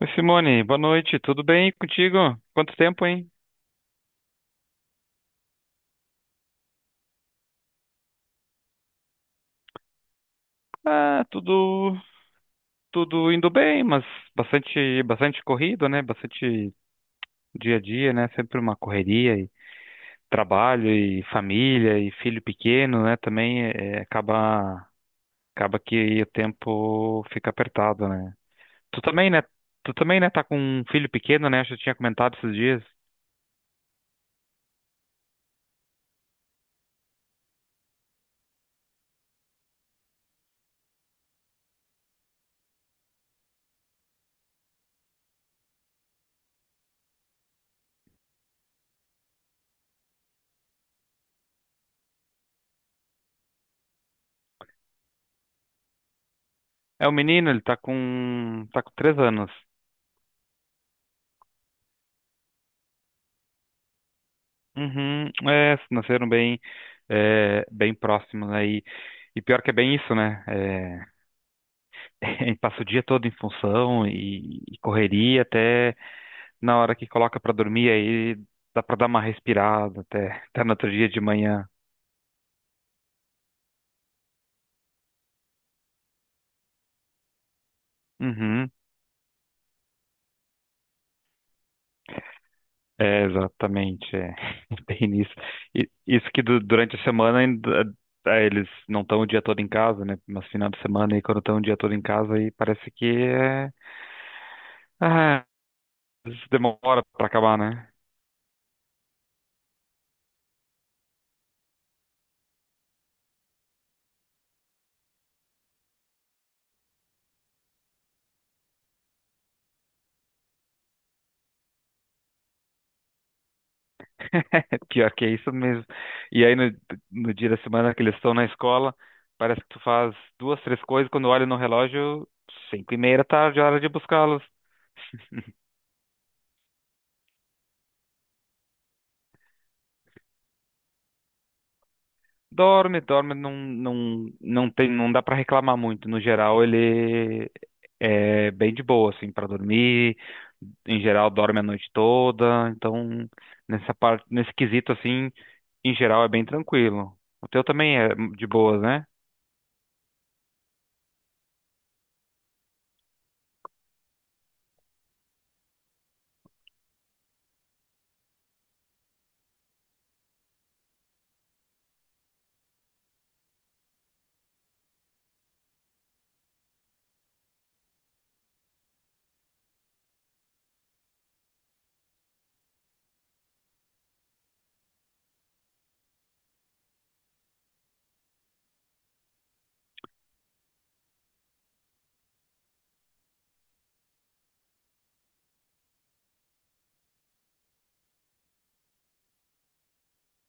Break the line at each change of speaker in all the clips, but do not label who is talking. Oi, Simone, boa noite, tudo bem contigo? Quanto tempo, hein? Ah, tudo, tudo indo bem, mas bastante corrido, né? Bastante dia a dia, né? Sempre uma correria e trabalho e família e filho pequeno, né? Também é, acaba que o tempo fica apertado, né? Tu também, né? Tá com um filho pequeno, né? Acho que eu tinha comentado esses dias. É o menino, ele tá com 3 anos. Uhum, é, nasceram bem, é, bem próximos, né? E pior que é bem isso, né? É, a gente passa o dia todo em função e correria até na hora que coloca pra dormir, aí dá pra dar uma respirada até, até no outro dia de manhã. Uhum, é, exatamente, é bem isso. E, isso que durante a semana ainda, é, eles não estão o dia todo em casa, né? Mas final de semana e quando estão o dia todo em casa, aí parece que é. Ah, isso demora pra acabar, né? Pior que é isso mesmo. E aí, no dia da semana que eles estão na escola, parece que tu faz duas, três coisas, quando olha no relógio, 5:30 da tarde, hora de buscá-los. Dorme, dorme, não, não tem, não dá pra reclamar muito. No geral, ele é bem de boa, assim, pra dormir. Em geral, dorme a noite toda. Então, nessa parte, nesse quesito, assim, em geral, é bem tranquilo. O teu também é de boas, né?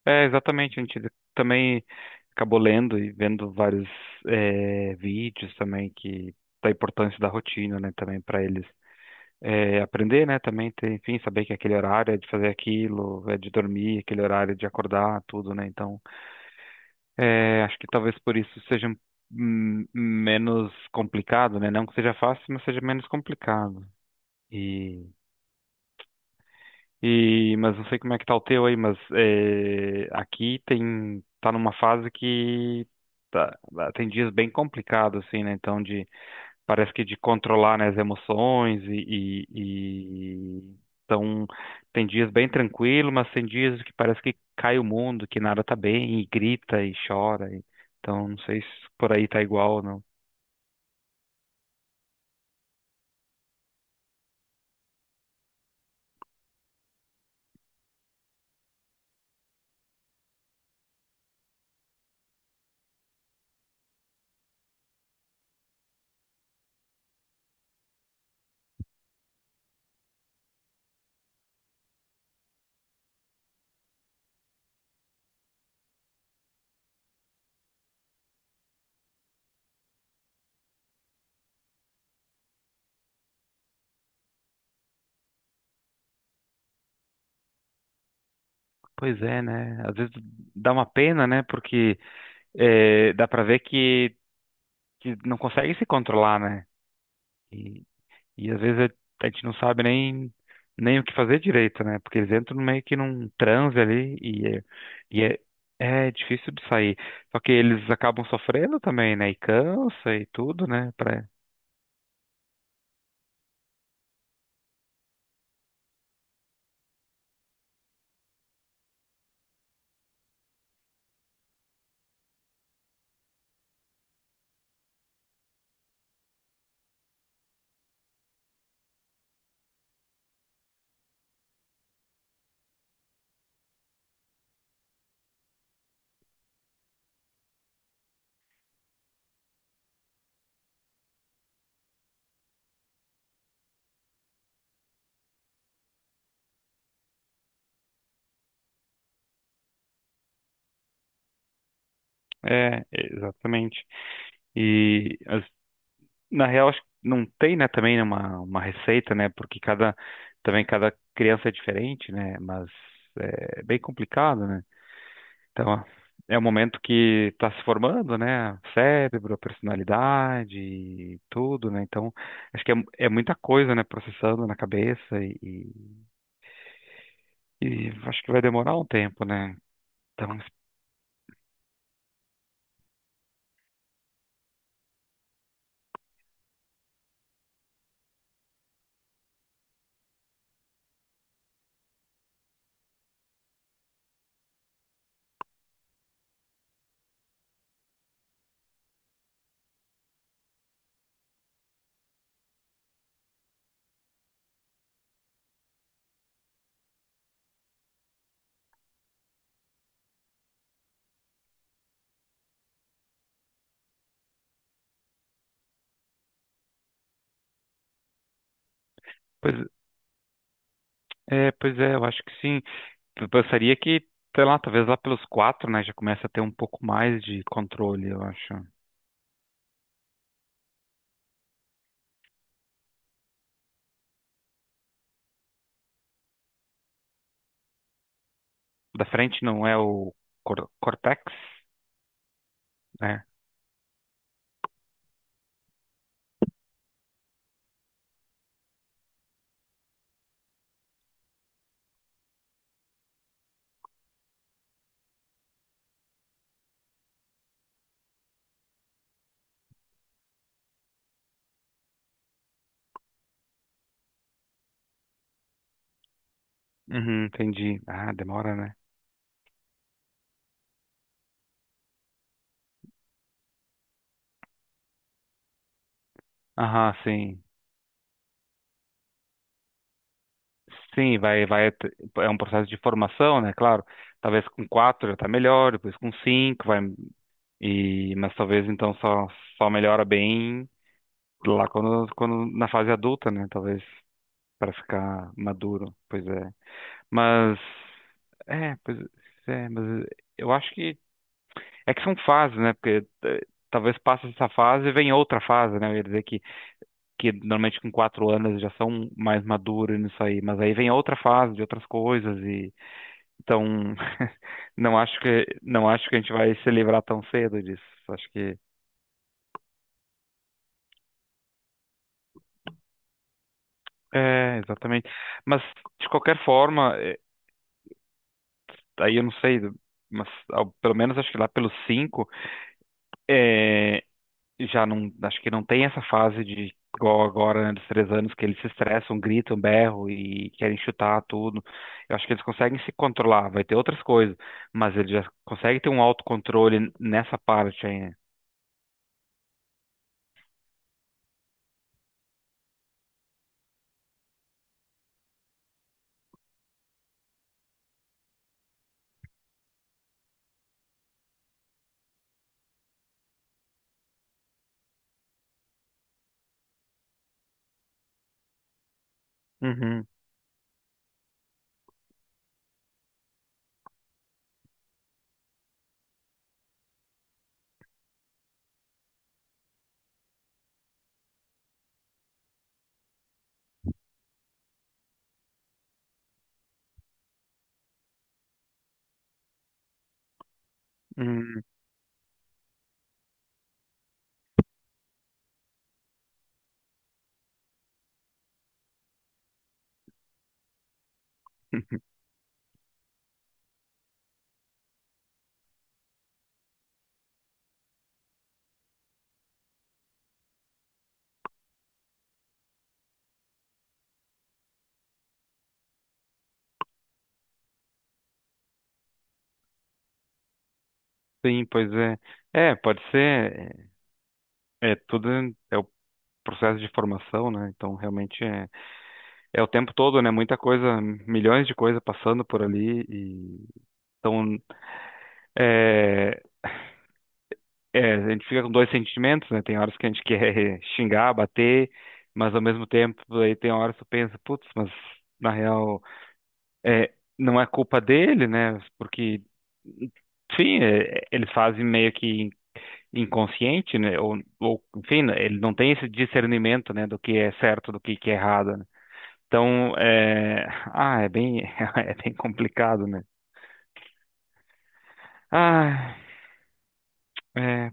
É, exatamente, a gente também acabou lendo e vendo vários vídeos também que da importância da rotina, né, também para eles aprender, né, também ter, enfim, saber que aquele horário é de fazer aquilo, é de dormir, aquele horário é de acordar, tudo, né, então acho que talvez por isso seja menos complicado, né, não que seja fácil, mas seja menos complicado. E, mas não sei como é que tá o teu aí, mas é, aqui tem, tá numa fase que tá, tem dias bem complicados, assim, né? Então, de, parece que de controlar, né, as emoções e, então, tem dias bem tranquilo, mas tem dias que parece que cai o mundo, que nada tá bem, e grita e chora. Então, não sei se por aí tá igual ou não. Pois é, né? Às vezes dá uma pena, né? Porque é, dá pra ver que não consegue se controlar, né? E, e às vezes a gente não sabe nem, nem o que fazer direito, né? Porque eles entram meio que num transe ali e é, é difícil de sair. Só que eles acabam sofrendo também, né? E cansa e tudo, né? Pra... É, exatamente. E as- Na real, acho que não tem, né, também uma receita, né? Porque cada, também cada criança é diferente, né? Mas é bem complicado, né? Então, ó, é o momento que está se formando, né? O cérebro, a personalidade, e tudo, né? Então, acho que é, é muita coisa, né? Processando na cabeça e acho que vai demorar um tempo, né? Então, pois pois é, eu acho que sim. Eu pensaria que, sei lá, talvez lá pelos quatro, né? Já começa a ter um pouco mais de controle, eu acho. Da frente não é o cortex, né? Uhum, entendi. Ah, demora, né? Aham, sim. Sim, é um processo de formação, né? Claro, talvez com quatro já tá melhor, depois com cinco vai, e, mas talvez então só, só melhora bem lá quando, quando na fase adulta, né? Talvez para ficar maduro, pois é. Mas, é, pois é, mas eu acho que, é que são fases, né? Porque talvez passe essa fase e vem outra fase, né? Eu ia dizer que normalmente com quatro anos já são mais maduros nisso aí, mas aí vem outra fase de outras coisas e então, não acho que a gente vai se livrar tão cedo disso. Acho que é, exatamente. Mas de qualquer forma, é, aí eu não sei, mas pelo menos acho que lá pelos cinco, é, já não acho que não tem essa fase de igual agora, né, dos 3 anos que eles se estressam, gritam, berram e querem chutar tudo. Eu acho que eles conseguem se controlar, vai ter outras coisas, mas eles já conseguem ter um autocontrole nessa parte aí, né? Uhum, uhum. Sim, pois é. É, pode ser. É, é tudo é o processo de formação, né? Então, realmente é, é o tempo todo, né? Muita coisa, milhões de coisas passando por ali. E, então, é, é, a gente fica com dois sentimentos, né? Tem horas que a gente quer xingar, bater, mas ao mesmo tempo, aí tem horas que tu pensa, putz, mas na real, é, não é culpa dele, né? Porque, enfim, é, é, eles fazem meio que inconsciente, né? Ou, enfim, né, ele não tem esse discernimento, né, do que é certo, do que é errado, né? Então, é... Ah, é bem, é bem complicado, né? Ah, é...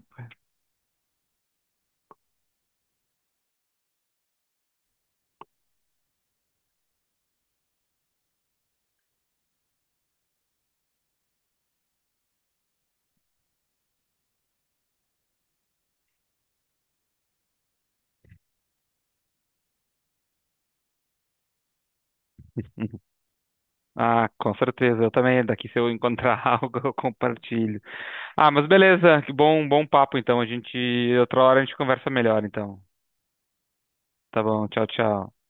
Ah, com certeza, eu também, daqui se eu encontrar algo, eu compartilho. Ah, mas beleza, que bom, bom papo, então, a gente, outra hora a gente conversa melhor, então. Tá bom, tchau, tchau.